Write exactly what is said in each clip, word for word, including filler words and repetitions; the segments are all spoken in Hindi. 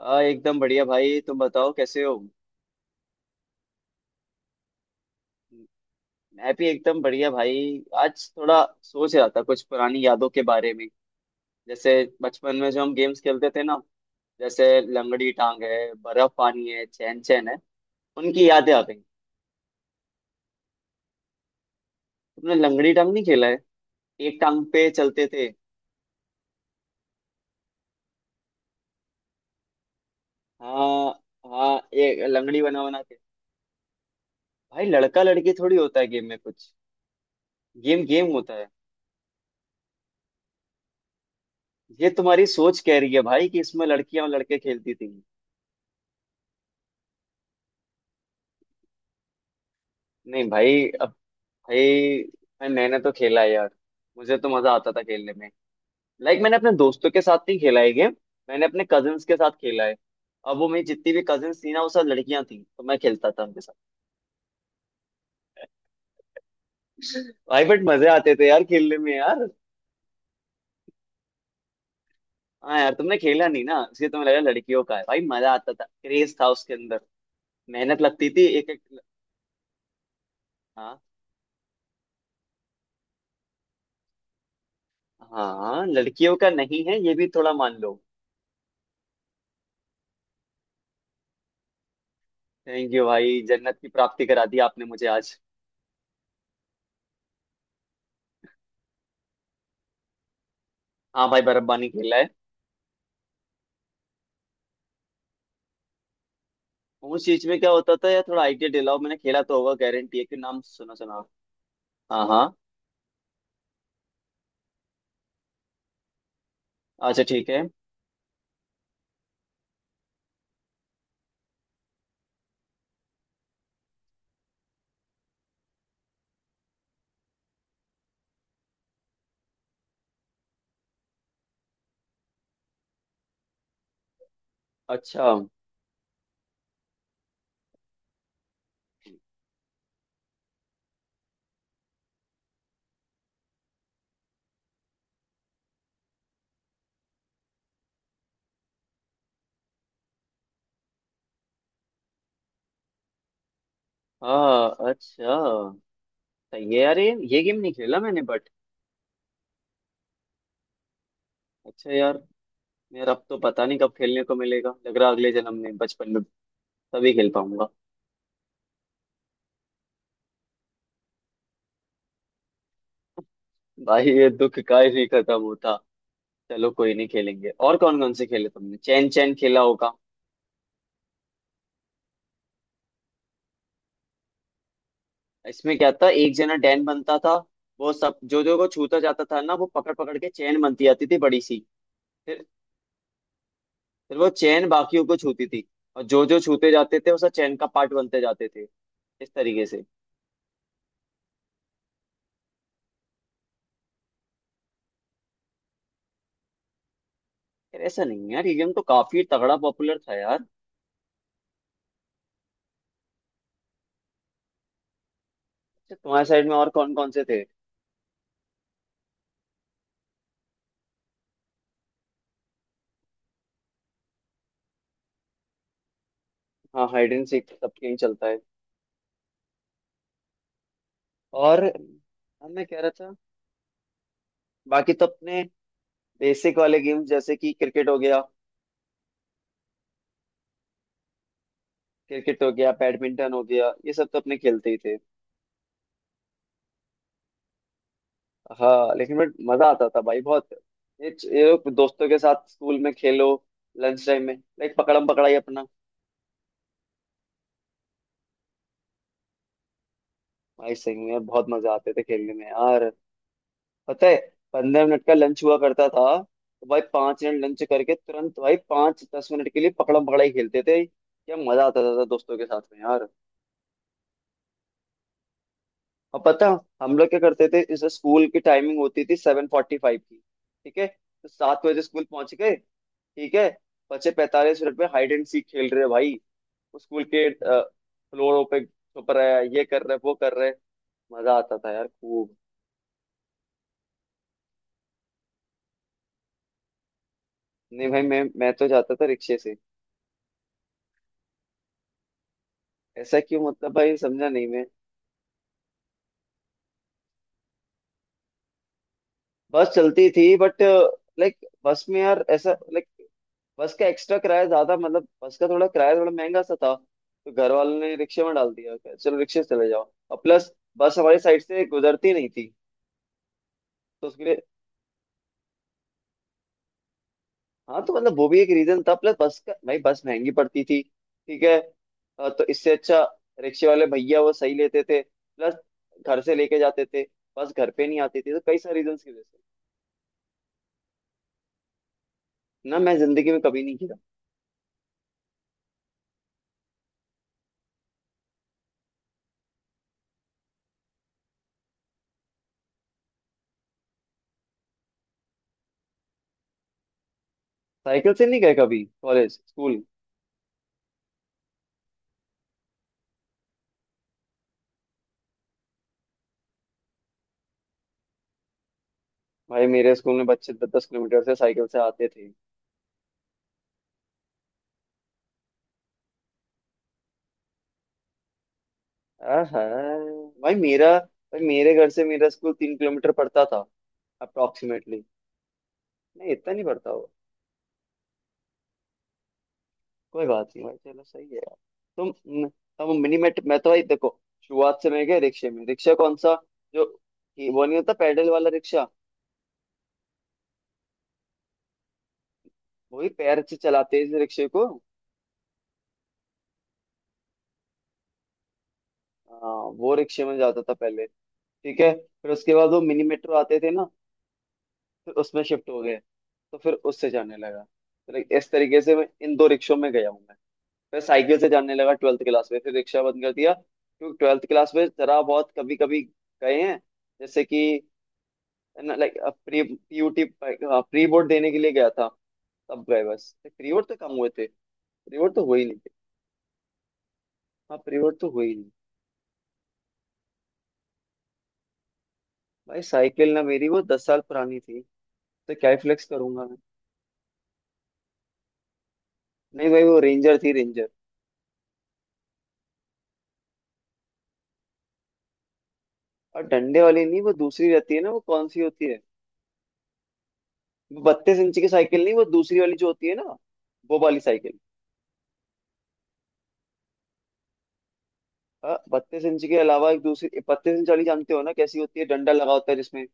आ, एकदम बढ़िया भाई। तुम बताओ कैसे हो। मैं भी एकदम बढ़िया भाई, आज थोड़ा सोच रहा था कुछ पुरानी यादों के बारे में, जैसे बचपन में जो हम गेम्स खेलते थे ना, जैसे लंगड़ी टांग है, बर्फ पानी है, चैन चैन है, उनकी यादें आ गई। तुमने लंगड़ी टांग नहीं खेला है? एक टांग पे चलते थे। हाँ हाँ, एक लंगड़ी बना बना के। भाई लड़का लड़की थोड़ी होता है गेम में कुछ, गेम गेम होता है। ये तुम्हारी सोच कह रही है भाई कि इसमें लड़कियां और लड़के खेलती थी। नहीं भाई, भाई मैं- मैंने तो खेला है यार। मुझे तो मजा आता था खेलने में। लाइक मैंने अपने दोस्तों के साथ नहीं खेला है गेम, मैंने अपने कजिन्स के साथ खेला है। अब वो मेरी जितनी भी कजिन्स थी ना, वो सब लड़कियां थी, तो मैं खेलता था उनके साथ। भाई बट मजे आते थे यार खेलने में यार। हाँ यार, तुमने खेला नहीं ना इसलिए तुम्हें लगा लड़कियों का है। भाई मजा आता था, क्रेज था उसके अंदर, मेहनत लगती थी एक एक। हाँ हाँ, लड़कियों का नहीं है ये भी थोड़ा मान लो। थैंक यू भाई, जन्नत की प्राप्ति करा दी आपने मुझे आज। हाँ भाई, बर्फबानी खेला है। उस चीज में क्या होता था यार? थोड़ा आइडिया दिलाओ, मैंने खेला तो होगा, गारंटी है कि नाम सुना सुना। हाँ हाँ। अच्छा, ठीक है। अच्छा। हाँ, अच्छा। सही है यार, ये ये गेम नहीं खेला मैंने बट। अच्छा यार। यार अब तो पता नहीं कब खेलने को मिलेगा, लग रहा अगले जन्म में बचपन में तभी खेल पाऊंगा। भाई ये दुख काहे नहीं खत्म होता। चलो, कोई नहीं, खेलेंगे। और कौन कौन से खेले तुमने? चैन चैन खेला होगा। इसमें क्या था, एक जना डैन बनता था। वो सब जो जो को छूता जाता था ना, वो पकड़ पकड़ के चैन बनती आती थी बड़ी सी। फिर फिर वो चैन बाकियों को छूती थी, और जो जो छूते जाते थे उसका चैन का पार्ट बनते जाते थे, इस तरीके से। यार ऐसा नहीं है यार, ये गेम तो काफी तगड़ा पॉपुलर था यार। अच्छा, तुम्हारे साइड में और कौन कौन से थे? हाँ, हाइड एंड सीक सबके यहीं चलता है। और अब मैं कह रहा था, बाकी तो अपने बेसिक वाले गेम्स जैसे कि क्रिकेट हो गया। क्रिकेट हो गया, बैडमिंटन हो गया, ये सब तो अपने खेलते ही थे। हाँ लेकिन बट मजा आता था भाई बहुत। ये ये लोग दोस्तों के साथ स्कूल में खेलो, लंच टाइम में लाइक पकड़म पकड़ाई अपना। भाई सही में बहुत मजा आते थे खेलने में यार। पता है, पंद्रह मिनट का लंच हुआ करता था, तो भाई पांच मिनट लंच करके तुरंत भाई पांच दस मिनट के लिए पकड़म पकड़ाई खेलते थे, क्या मजा आता था, था दोस्तों के साथ में यार। और पता हम लोग क्या करते थे, जैसे स्कूल की टाइमिंग होती थी सेवन फोर्टी फाइव की, ठीक है, तो सात बजे स्कूल पहुंच गए, ठीक है, बचे पैंतालीस मिनट में हाइड एंड सीक खेल रहे भाई। स्कूल के फ्लोरों पे छुप रहा है, ये कर रहे वो कर रहे, मजा आता था यार खूब। नहीं भाई, मैं मैं तो जाता था रिक्शे से। ऐसा क्यों मतलब, भाई समझा नहीं मैं। बस चलती थी बट लाइक बस में यार ऐसा लाइक, बस का एक्स्ट्रा किराया ज्यादा, मतलब बस का थोड़ा किराया थोड़ा महंगा सा था, तो घर वालों ने रिक्शे में डाल दिया कि चलो रिक्शे से चले जाओ, और प्लस बस हमारी साइड से गुजरती नहीं थी, तो उसके लिए। हाँ तो मतलब वो भी एक रीजन था, प्लस बस का, भाई बस महंगी पड़ती थी, ठीक है। अ, तो इससे अच्छा रिक्शे वाले भैया वो सही लेते थे, प्लस घर से लेके जाते थे, बस घर पे नहीं आती थी, तो कई सारे रीजन की वजह से। ना मैं जिंदगी में कभी नहीं गिरा। साइकिल से नहीं गए कभी कॉलेज स्कूल? भाई मेरे स्कूल में बच्चे दस दस किलोमीटर से साइकिल से आते थे। आहा। भाई मेरा भाई मेरे घर से मेरा स्कूल तीन किलोमीटर पड़ता था, अप्रोक्सीमेटली, नहीं इतना नहीं पड़ता होगा। कोई बात नहीं भाई, चलो सही है यार। तुम, हम मिनी मेट, मैं तो भाई देखो शुरुआत से मैं गया रिक्शे में, रिक्शा कौन सा, जो कि वो नहीं होता पैडल वाला रिक्शा, वही पैर से चलाते इस रिक्शे को। हाँ, वो रिक्शे में जाता था पहले, ठीक है, फिर उसके बाद वो मिनी मेट्रो आते थे ना, फिर उसमें शिफ्ट हो गए, तो फिर उससे जाने लगा, तो लाइक इस तरीके से मैं इन दो रिक्शों में गया हूँ मैं। फिर साइकिल से जाने लगा ट्वेल्थ क्लास में, फिर रिक्शा बंद कर दिया, क्योंकि ट्वेल्थ क्लास में जरा बहुत कभी कभी गए हैं, जैसे कि लाइक प्री पीयूटी प्री बोर्ड देने के लिए गया था, तब गए, बस प्री बोर्ड तो कम हुए थे, प्री बोर्ड तो हुए ही नहीं थे, हाँ प्री बोर्ड तो हुए ही नहीं। भाई साइकिल ना मेरी वो दस साल पुरानी थी, तो क्या ही फ्लेक्स करूंगा मैं। नहीं भाई, वो रेंजर थी, रेंजर। और डंडे वाली नहीं, वो दूसरी रहती है ना, वो कौन सी होती है। बत्तीस इंच की साइकिल, नहीं, वो दूसरी वाली जो होती है ना, वो वाली साइकिल। हाँ, बत्तीस इंच के अलावा एक दूसरी बत्तीस इंच वाली जानते हो ना, कैसी होती है, डंडा लगा होता है जिसमें।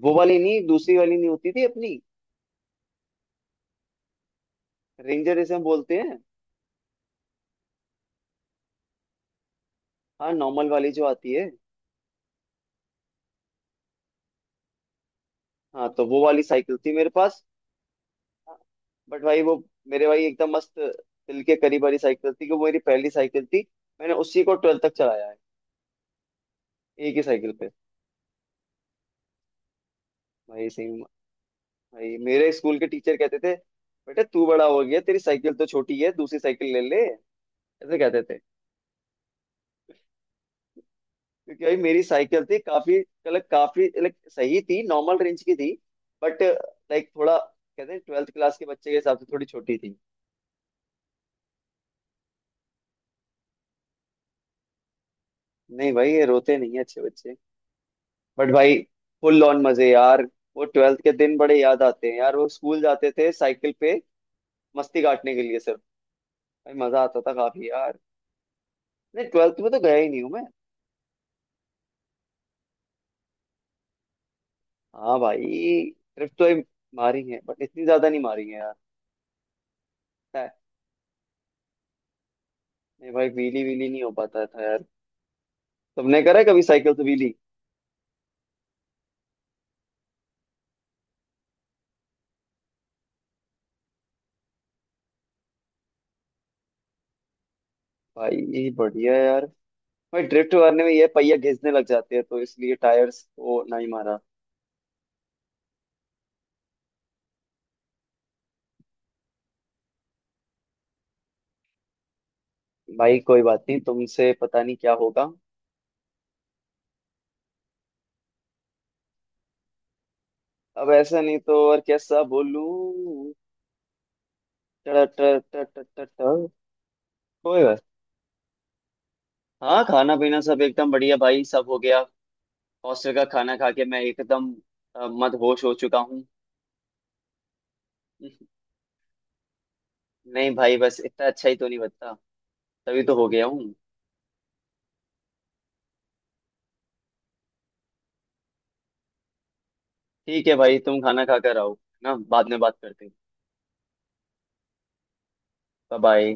वो वाली नहीं, दूसरी वाली नहीं होती थी अपनी, रेंजर जिसे हम बोलते हैं। हाँ, नॉर्मल वाली जो आती है। हाँ, तो वो वाली साइकिल थी मेरे पास। बट भाई वो, मेरे भाई एकदम मस्त दिल के करीब वाली साइकिल थी कि वो मेरी पहली साइकिल थी। मैंने उसी को ट्वेल्थ तक चलाया है, एक ही साइकिल पे। भाई, सही। भाई मेरे स्कूल के टीचर कहते थे, बेटा तू बड़ा हो गया, तेरी साइकिल तो छोटी है, दूसरी साइकिल ले ले, ऐसे कहते थे, क्योंकि भाई मेरी साइकिल थी काफी, मतलब काफी लाइक सही थी, नॉर्मल रेंज की थी, बट लाइक थोड़ा कहते हैं ट्वेल्थ क्लास के बच्चे के हिसाब से थोड़ी छोटी थी। नहीं भाई, ये रोते नहीं है अच्छे बच्चे। बट भाई फुल ऑन मजे यार, वो ट्वेल्थ के दिन बड़े याद आते हैं यार, वो स्कूल जाते थे साइकिल पे मस्ती काटने के लिए सिर्फ, भाई मजा आता था काफी यार। नहीं ट्वेल्थ में तो गया ही नहीं हूँ मैं। हाँ भाई, ट्रिप तो ये मारी है बट इतनी ज्यादा नहीं मारी है यार। पता है, नहीं भाई व्हीली व्हीली नहीं हो पाता था यार। तुमने करा है कभी साइकिल से व्हीली? भाई ये बढ़िया है यार। भाई ड्रिफ्ट मारने में ये पहिया घिसने लग जाते हैं तो इसलिए टायर्स को नहीं मारा। भाई कोई बात नहीं, तुमसे पता नहीं क्या होगा। अब ऐसा नहीं तो और कैसा बोलूं। टर टर टर टर टर टर। कोई बात, हाँ, खाना पीना सब एकदम बढ़िया भाई, सब हो गया। हॉस्टल का खाना खा के मैं एकदम अ, मदहोश हो चुका हूँ। नहीं भाई, बस इतना अच्छा ही तो नहीं, बता तभी तो हो गया हूँ। ठीक है भाई, तुम खाना खा कर आओ ना, बाद में बात करते हैं। बाय। बाय।